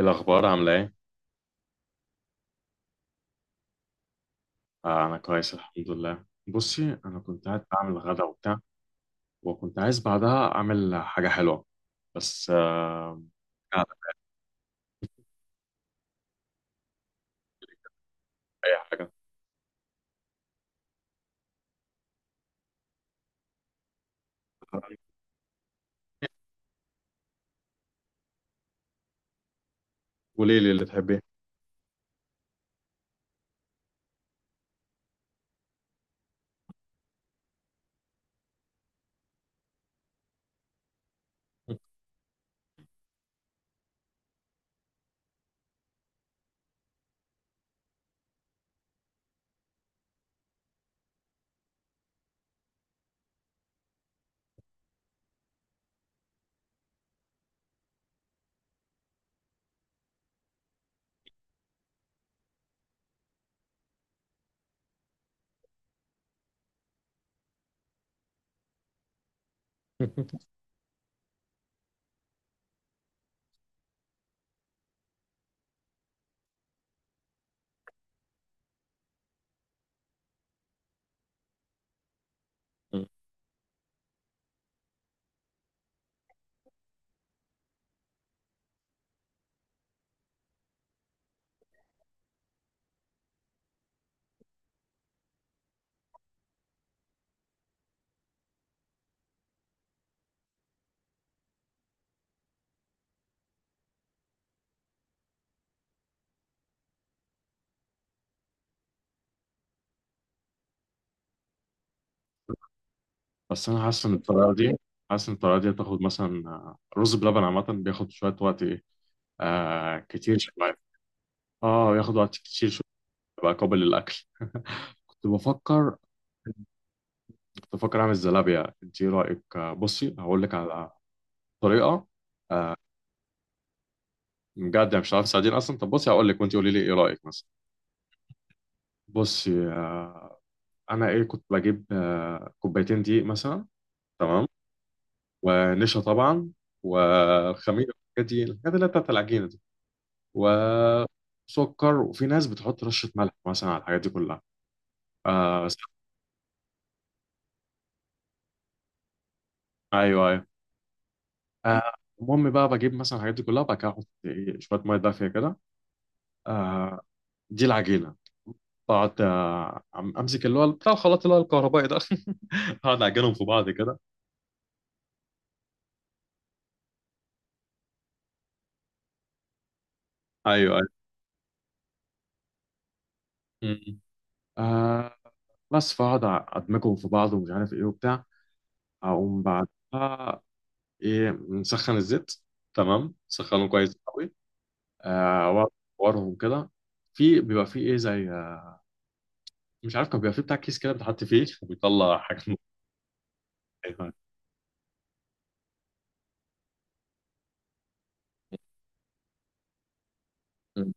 الأخبار عاملة إيه؟ آه، أنا كويس الحمد لله. بصي، أنا كنت قاعد بعمل غدا وبتاع، وكنت عايز بعدها أعمل حاجة حلوة، بس قاعد. أي حاجة، قولي لي اللي تحبيه. بس أنا حاسس إن الطريقة دي هتاخد مثلا، رز بلبن عامة بياخد شوية وقت، إيه آه، كتير شوية، آه بياخد وقت كتير شوية بقى قابل للأكل. كنت بفكر كنت بفكر أعمل زلابية. إنتي إيه رأيك؟ بصي هقول لك على طريقة. بجد يعني مش عارف تساعديني اصلا. طب بصي هقول لك، وانت قولي لي ايه رايك مثلا. بصي انا كنت بجيب كوبايتين دقيق مثلا. تمام. ونشا طبعا، وخميره، الحاجات دي، الحاجات اللي هي بتاعت العجينه دي، وسكر. وفي ناس بتحط رشه ملح مثلا على الحاجات دي كلها. آه س- ايوه ايوه. آه، المهم بقى بجيب مثلا الحاجات دي كلها، وبعد كده احط ايه شويه ميه دافيه كده. آه. دي العجينه. بقعد امسك اللي هو بتاع الخلاط اللي هو الكهربائي ده. اقعد اعجنهم في بعض كده. ايوه أيوه. مم. آه. بس فاقعد ادمجهم في بعض، ومش عارف ايه وبتاع. اقوم بعدها ايه، نسخن الزيت. تمام، سخنه كويس قوي. آه، واقعد اورهم كده. في بيبقى فيه ايه، زي مش عارف. كان بيبقى فيه بتاع كيس كده بتحط فيه وبيطلع حاجات مختلفة. مم.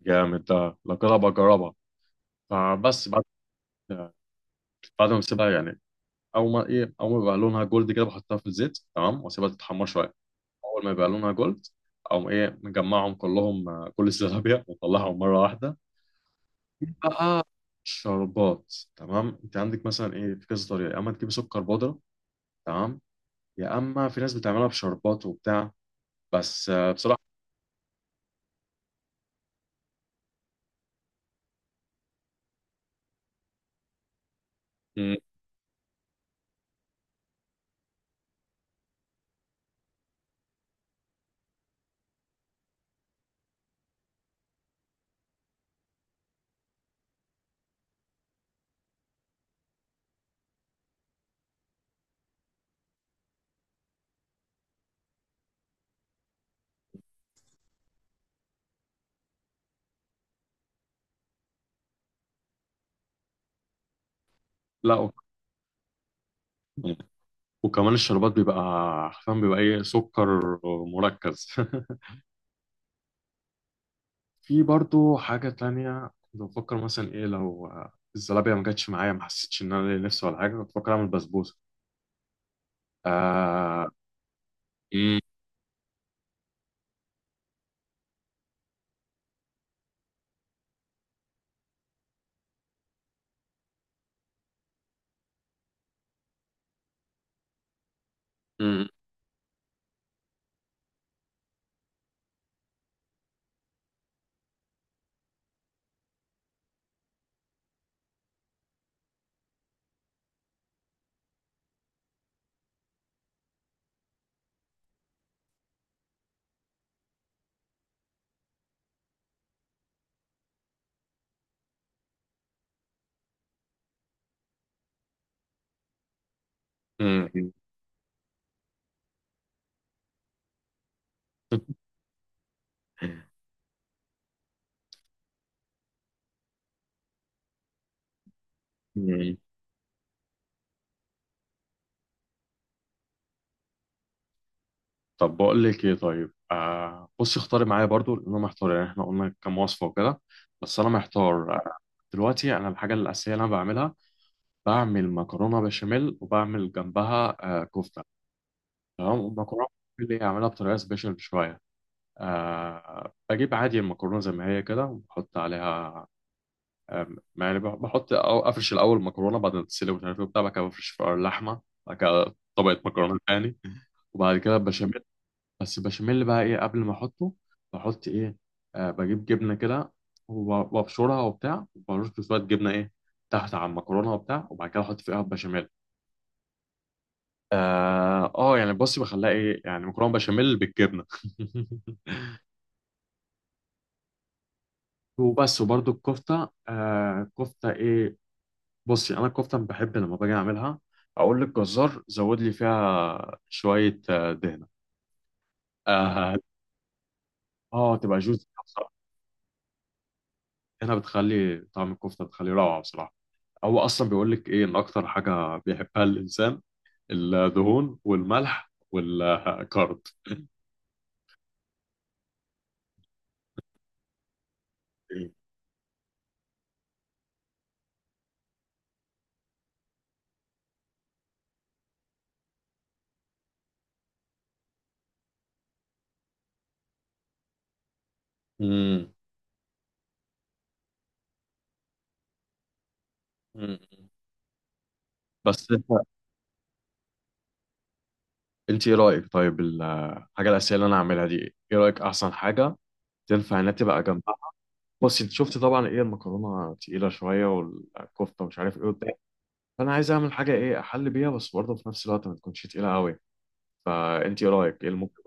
جامد ده، لو كده بجربها. فبس بعد ما بسيبها يعني، اول ما ايه، اول ما بيبقى لونها جولد كده بحطها في الزيت. تمام، واسيبها تتحمر شويه. اول ما يبقى لونها جولد، اقوم ايه مجمعهم كلهم، كل الزلابيا وطلعهم مره واحده. في بقى شربات. تمام، انت عندك مثلا ايه في كذا طريقه. يا اما تجيب سكر بودره، تمام، يا اما في ناس بتعملها بشربات وبتاع. بس بصراحه، مم، لا. وكمان الشربات بيبقى حرفيا، بيبقى ايه، سكر مركز. في برضو حاجه تانية كنت بفكر مثلا ايه، لو الزلابيه ما جاتش معايا، ما حسيتش ان انا ليا نفسي ولا حاجه، كنت بفكر اعمل بسبوسه. آه. مم. مم. مم. طب بقول لك ايه، طيب آه، بصي اختاري معايا برضو لان انا محتار. يعني احنا قلنا كام وصفه وكده. بس انا محتار. دلوقتي، انا الحاجه الاساسيه اللي انا بعملها، بعمل مكرونه بشاميل وبعمل جنبها كفته. تمام، المكرونه اللي هي اعملها بطريقه سبيشال شويه. آه، بجيب عادي المكرونه زي ما هي كده، وبحط عليها يعني بحط أو أفرش الأول مكرونة بعد ما تتسلق، ومش عارف إيه وبتاع. بعد كده بفرش فوقها اللحمة. بعد كده طبقة مكرونة تاني، وبعد كده بشاميل. بس البشاميل بقى إيه قبل ما أحطه؟ بحط إيه؟ آه، بجيب جبنة كده، وأبشرها وبتاع. وبرش شوية جبنة إيه تحت على المكرونة وبتاع، وبعد كده أحط فيها البشاميل. يعني بصي بخليها إيه، يعني مكرونة بشاميل بالجبنة. وبس. وبرده الكفتة، كفتة إيه؟ بصي انا الكفته بحب لما باجي اعملها، اقول للجزار زود لي فيها شويه دهنه. اه. تبقى جوز بصراحه. الدهنه بتخلي طعم الكفته بتخليه روعه بصراحه. هو اصلا بيقول لك ايه، ان اكتر حاجه بيحبها الانسان، الدهون والملح والكارد. امم. بس انت ايه رايك، طيب الحاجه الاساسيه اللي انا اعملها دي، ايه إيه رايك احسن حاجه تنفع انها تبقى جنبها؟ بص انت شفت طبعا ايه، المكرونه تقيله شويه والكفته مش عارف ايه، فانا عايز اعمل حاجه ايه احل بيها، بس برضه في نفس الوقت ما تكونش تقيله قوي. فانت ايه رايك، ايه اللي ممكن؟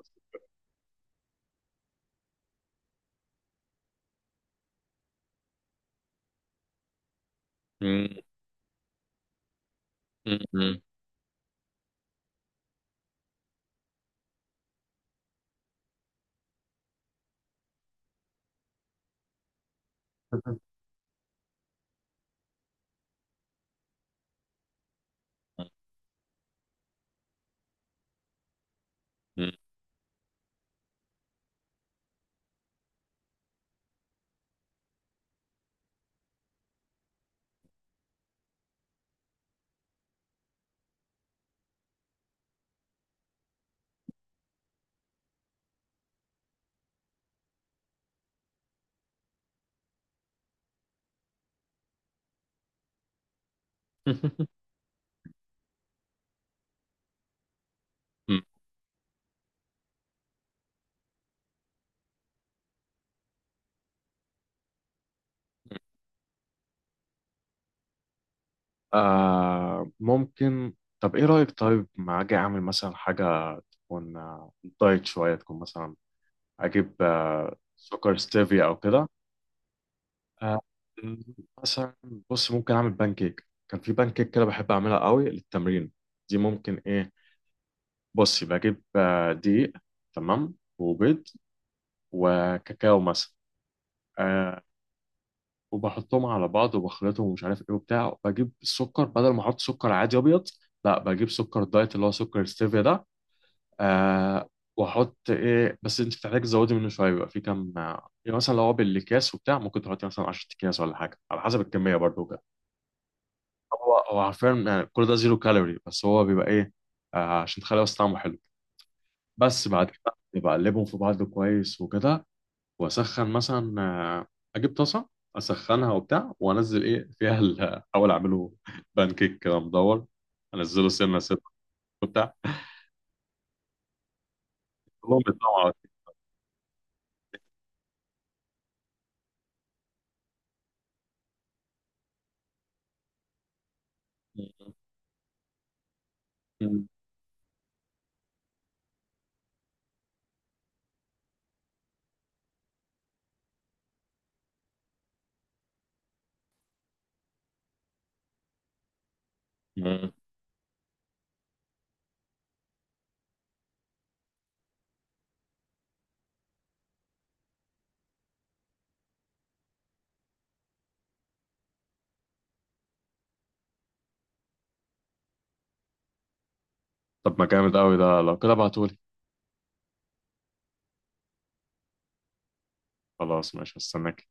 مم. مم. مم. مم. آه ممكن. طب ايه رايك، طيب ما اجي اعمل مثلا حاجه تكون دايت شويه، تكون مثلا اجيب سكر ستيفيا او كده. آه، مثلا، بص ممكن اعمل بان كيك. كان في بان كيك كده بحب اعملها قوي للتمرين، دي ممكن ايه. بصي بجيب دقيق، تمام، وبيض، وكاكاو مثلا. آه وبحطهم على بعض وبخلطهم، ومش عارف ايه وبتاع. بجيب السكر بدل ما احط سكر عادي ابيض، لا بجيب سكر دايت اللي هو سكر ستيفيا ده. آه. واحط ايه، بس انت بتحتاج تزودي منه شويه، بيبقى في كام، يعني مثلا لو هو بالاكياس وبتاع ممكن تحطي مثلا 10 اكياس ولا حاجه، على حسب الكميه برضو كده. هو حرفيا يعني كل ده زيرو كالوري، بس هو بيبقى ايه عشان تخلي بس طعمه حلو. بس بعد كده بقلبهم في بعض كويس وكده. واسخن مثلا اجيب طاسه، اسخنها وبتاع، وانزل ايه فيها احاول اعمله بان كيك كده مدور، انزله سنه سنه وبتاع. المهم طبعا. طب ما جامد قوي ده، لو كده ابعتهولي. خلاص ماشي، هستناك.